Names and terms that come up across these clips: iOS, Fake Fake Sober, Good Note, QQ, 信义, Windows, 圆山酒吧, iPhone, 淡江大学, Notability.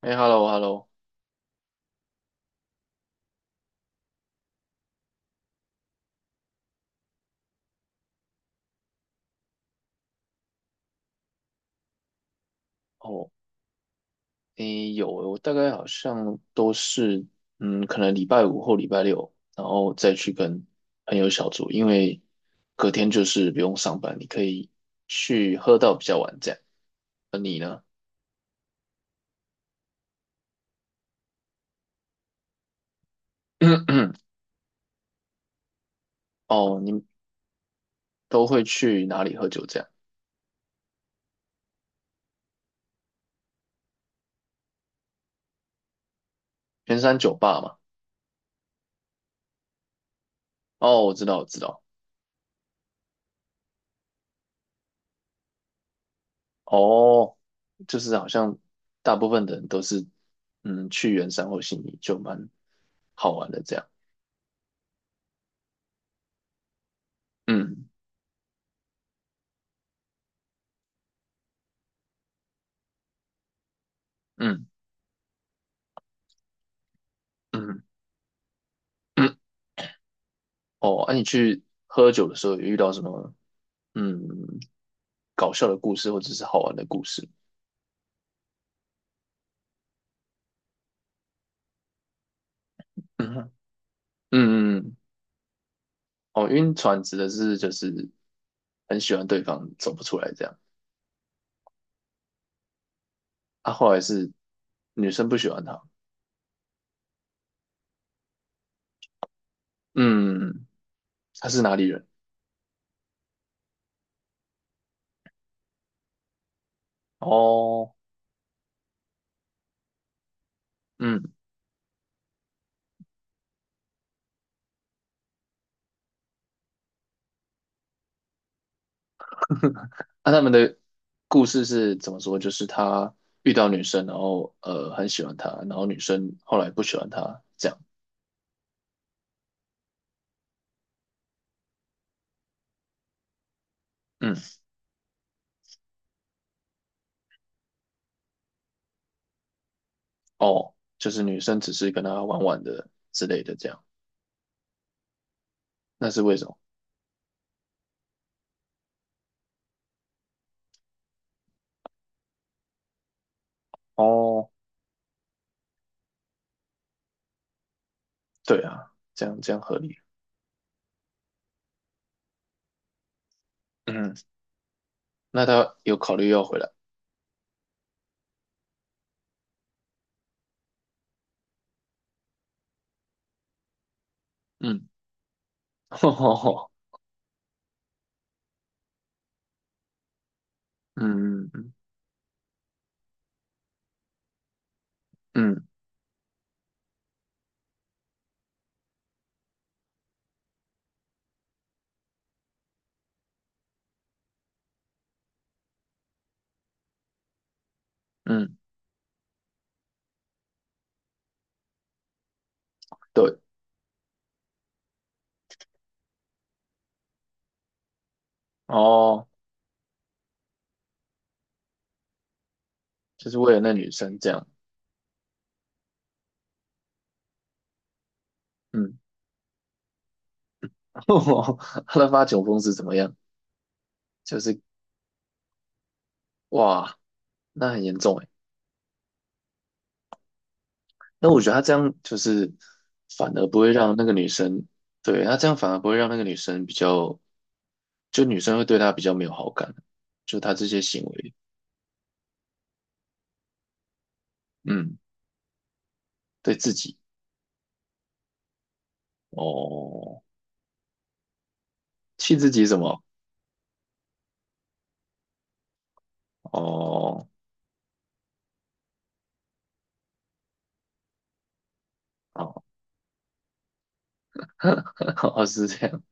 哎，hello，hello。哦，哎，有，我大概好像都是，嗯，可能礼拜五或礼拜六，然后再去跟朋友小酌，因为隔天就是不用上班，你可以去喝到比较晚这样。而你呢？哦，你们都会去哪里喝酒这样？圆山酒吧嘛。哦，我知道，我知道。哦，就是好像大部分的人都是，嗯，去圆山或信义就蛮好玩的这样。嗯嗯嗯。哦，你去喝酒的时候有遇到什么嗯搞笑的故事或者是好玩的故事？嗯哼。嗯嗯。哦，晕船指的是就是很喜欢对方走不出来这样，啊，后来是女生不喜欢他，嗯，他是哪里人？哦。嗯。他们的故事是怎么说？就是他遇到女生，然后很喜欢她，然后女生后来不喜欢他这样。嗯。哦，就是女生只是跟他玩玩的之类的这样。那是为什么？哦，对啊，这样这样合理。嗯，那他有考虑要回来。嗯。嗯哦。嗯嗯嗯嗯。对。哦，就是为了那女生这样。嗯。哦，他的发酒疯是怎么样？就是哇，那很严重哎。那我觉得他这样就是反而不会让那个女生，对，他这样反而不会让那个女生比较，就女生会对他比较没有好感，就他这些行为，嗯，对自己，哦。气自己什么？哦。哦，哦，是这样。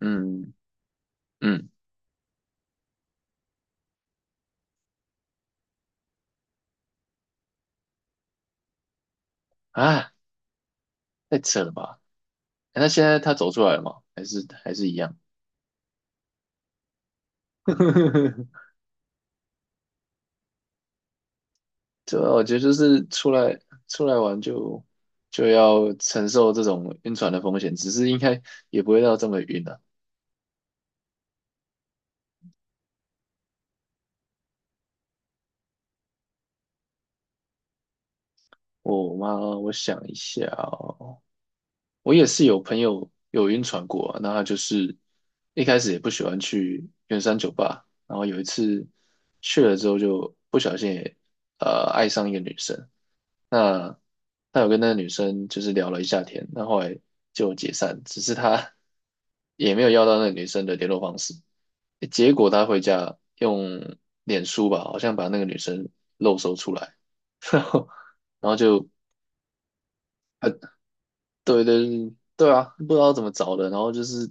嗯嗯。啊，太扯了吧？诶，那现在他走出来了吗？还是还是一样？对啊，我觉得就是出来玩就要承受这种晕船的风险，只是应该也不会到这么晕的。啊，我妈，我想一下哦。我也是有朋友有晕船过啊，那他就是一开始也不喜欢去圆山酒吧，然后有一次去了之后就不小心也爱上一个女生，那他有跟那个女生就是聊了一下天，那后来就解散，只是他 也没有要到那个女生的联络方式，结果他回家用脸书吧，好像把那个女生露搜出来。然后就对对嗯对啊，不知道怎么找的，然后就是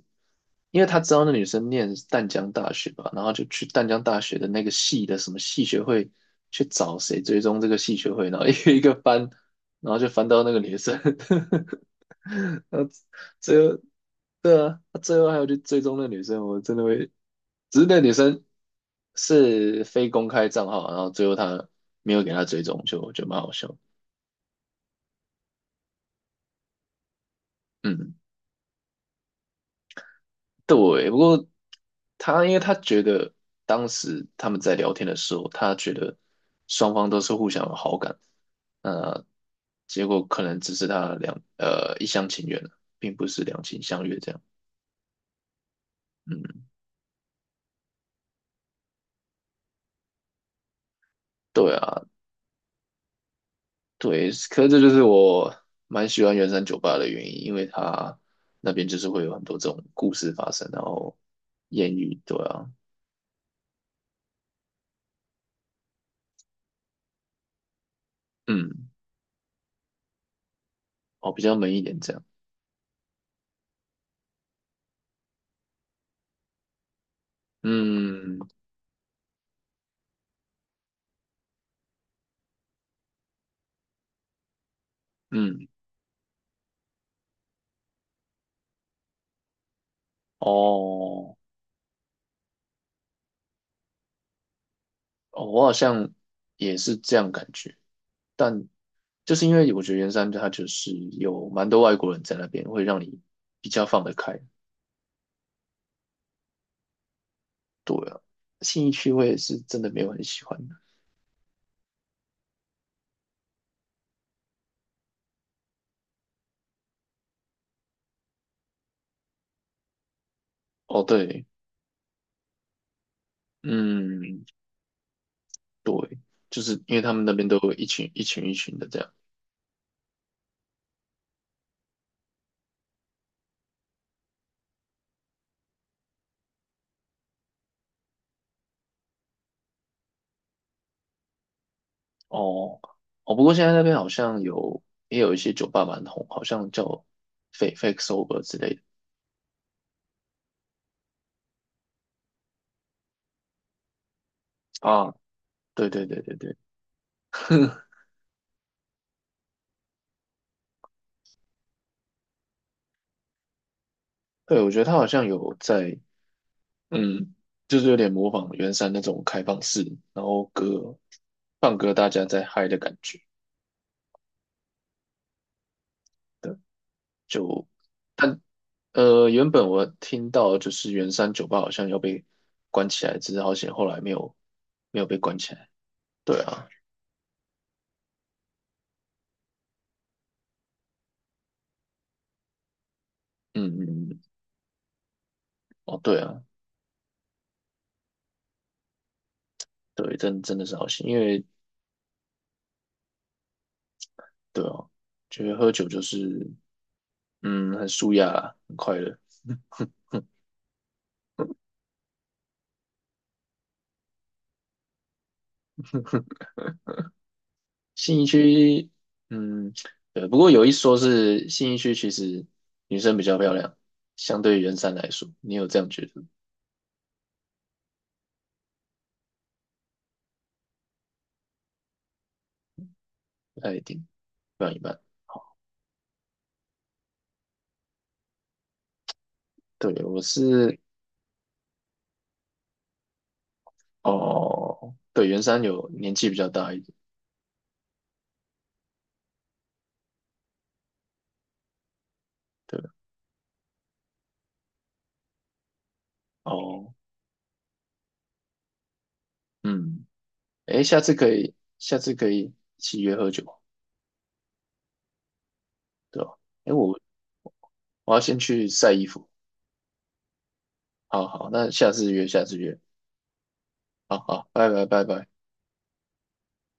因为他知道那女生念淡江大学吧，然后就去淡江大学的那个系的什么系学会去找谁追踪这个系学会，然后 一个一个翻，然后就翻到那个女生，然后最后对啊，他最后还要去追踪那女生，我真的会，只是那女生是非公开账号啊，然后最后他没有给他追踪，就蛮好笑。嗯。对，不过他因为他觉得当时他们在聊天的时候，他觉得双方都是互相有好感，那结果可能只是他两一厢情愿了，并不是两情相悦这样。嗯。对啊。对，可是这就是我蛮喜欢圆山酒吧的原因，因为他那边就是会有很多这种故事发生，然后艳遇，对啊。嗯。哦，比较闷一点这样。嗯嗯。哦。哦，我好像也是这样感觉，但就是因为我觉得圆山它就是有蛮多外国人在那边，会让你比较放得开。对啊，信义区我也是真的没有很喜欢的。哦，对。嗯。对，就是因为他们那边都有一群一群一群的这样。哦。哦，不过现在那边好像有也有一些酒吧蛮红，好像叫 Fake Fake Sober 之类的。啊。对对对对对，对，我觉得他好像有在。嗯，就是有点模仿圆山那种开放式，然后歌放歌大家在嗨的感觉。对，就，原本我听到就是圆山酒吧好像要被关起来，只是好险后来没有被关起来。对啊。嗯嗯。嗯。哦对啊。对，真的是好险，因为对哦，觉得喝酒就是很舒压啦很快乐。信义区，嗯，对，不过有一说是信义区其实女生比较漂亮，相对于圆山来说，你有这样觉得吗？不太一定，一半一半。对，我是哦，对，圆山有年纪比较大一点。对。哦。嗯。诶，下次可以，下次可以一起约喝酒，对吧？诶，我要先去晒衣服。好好，那下次约，下次约。好好，拜拜拜拜。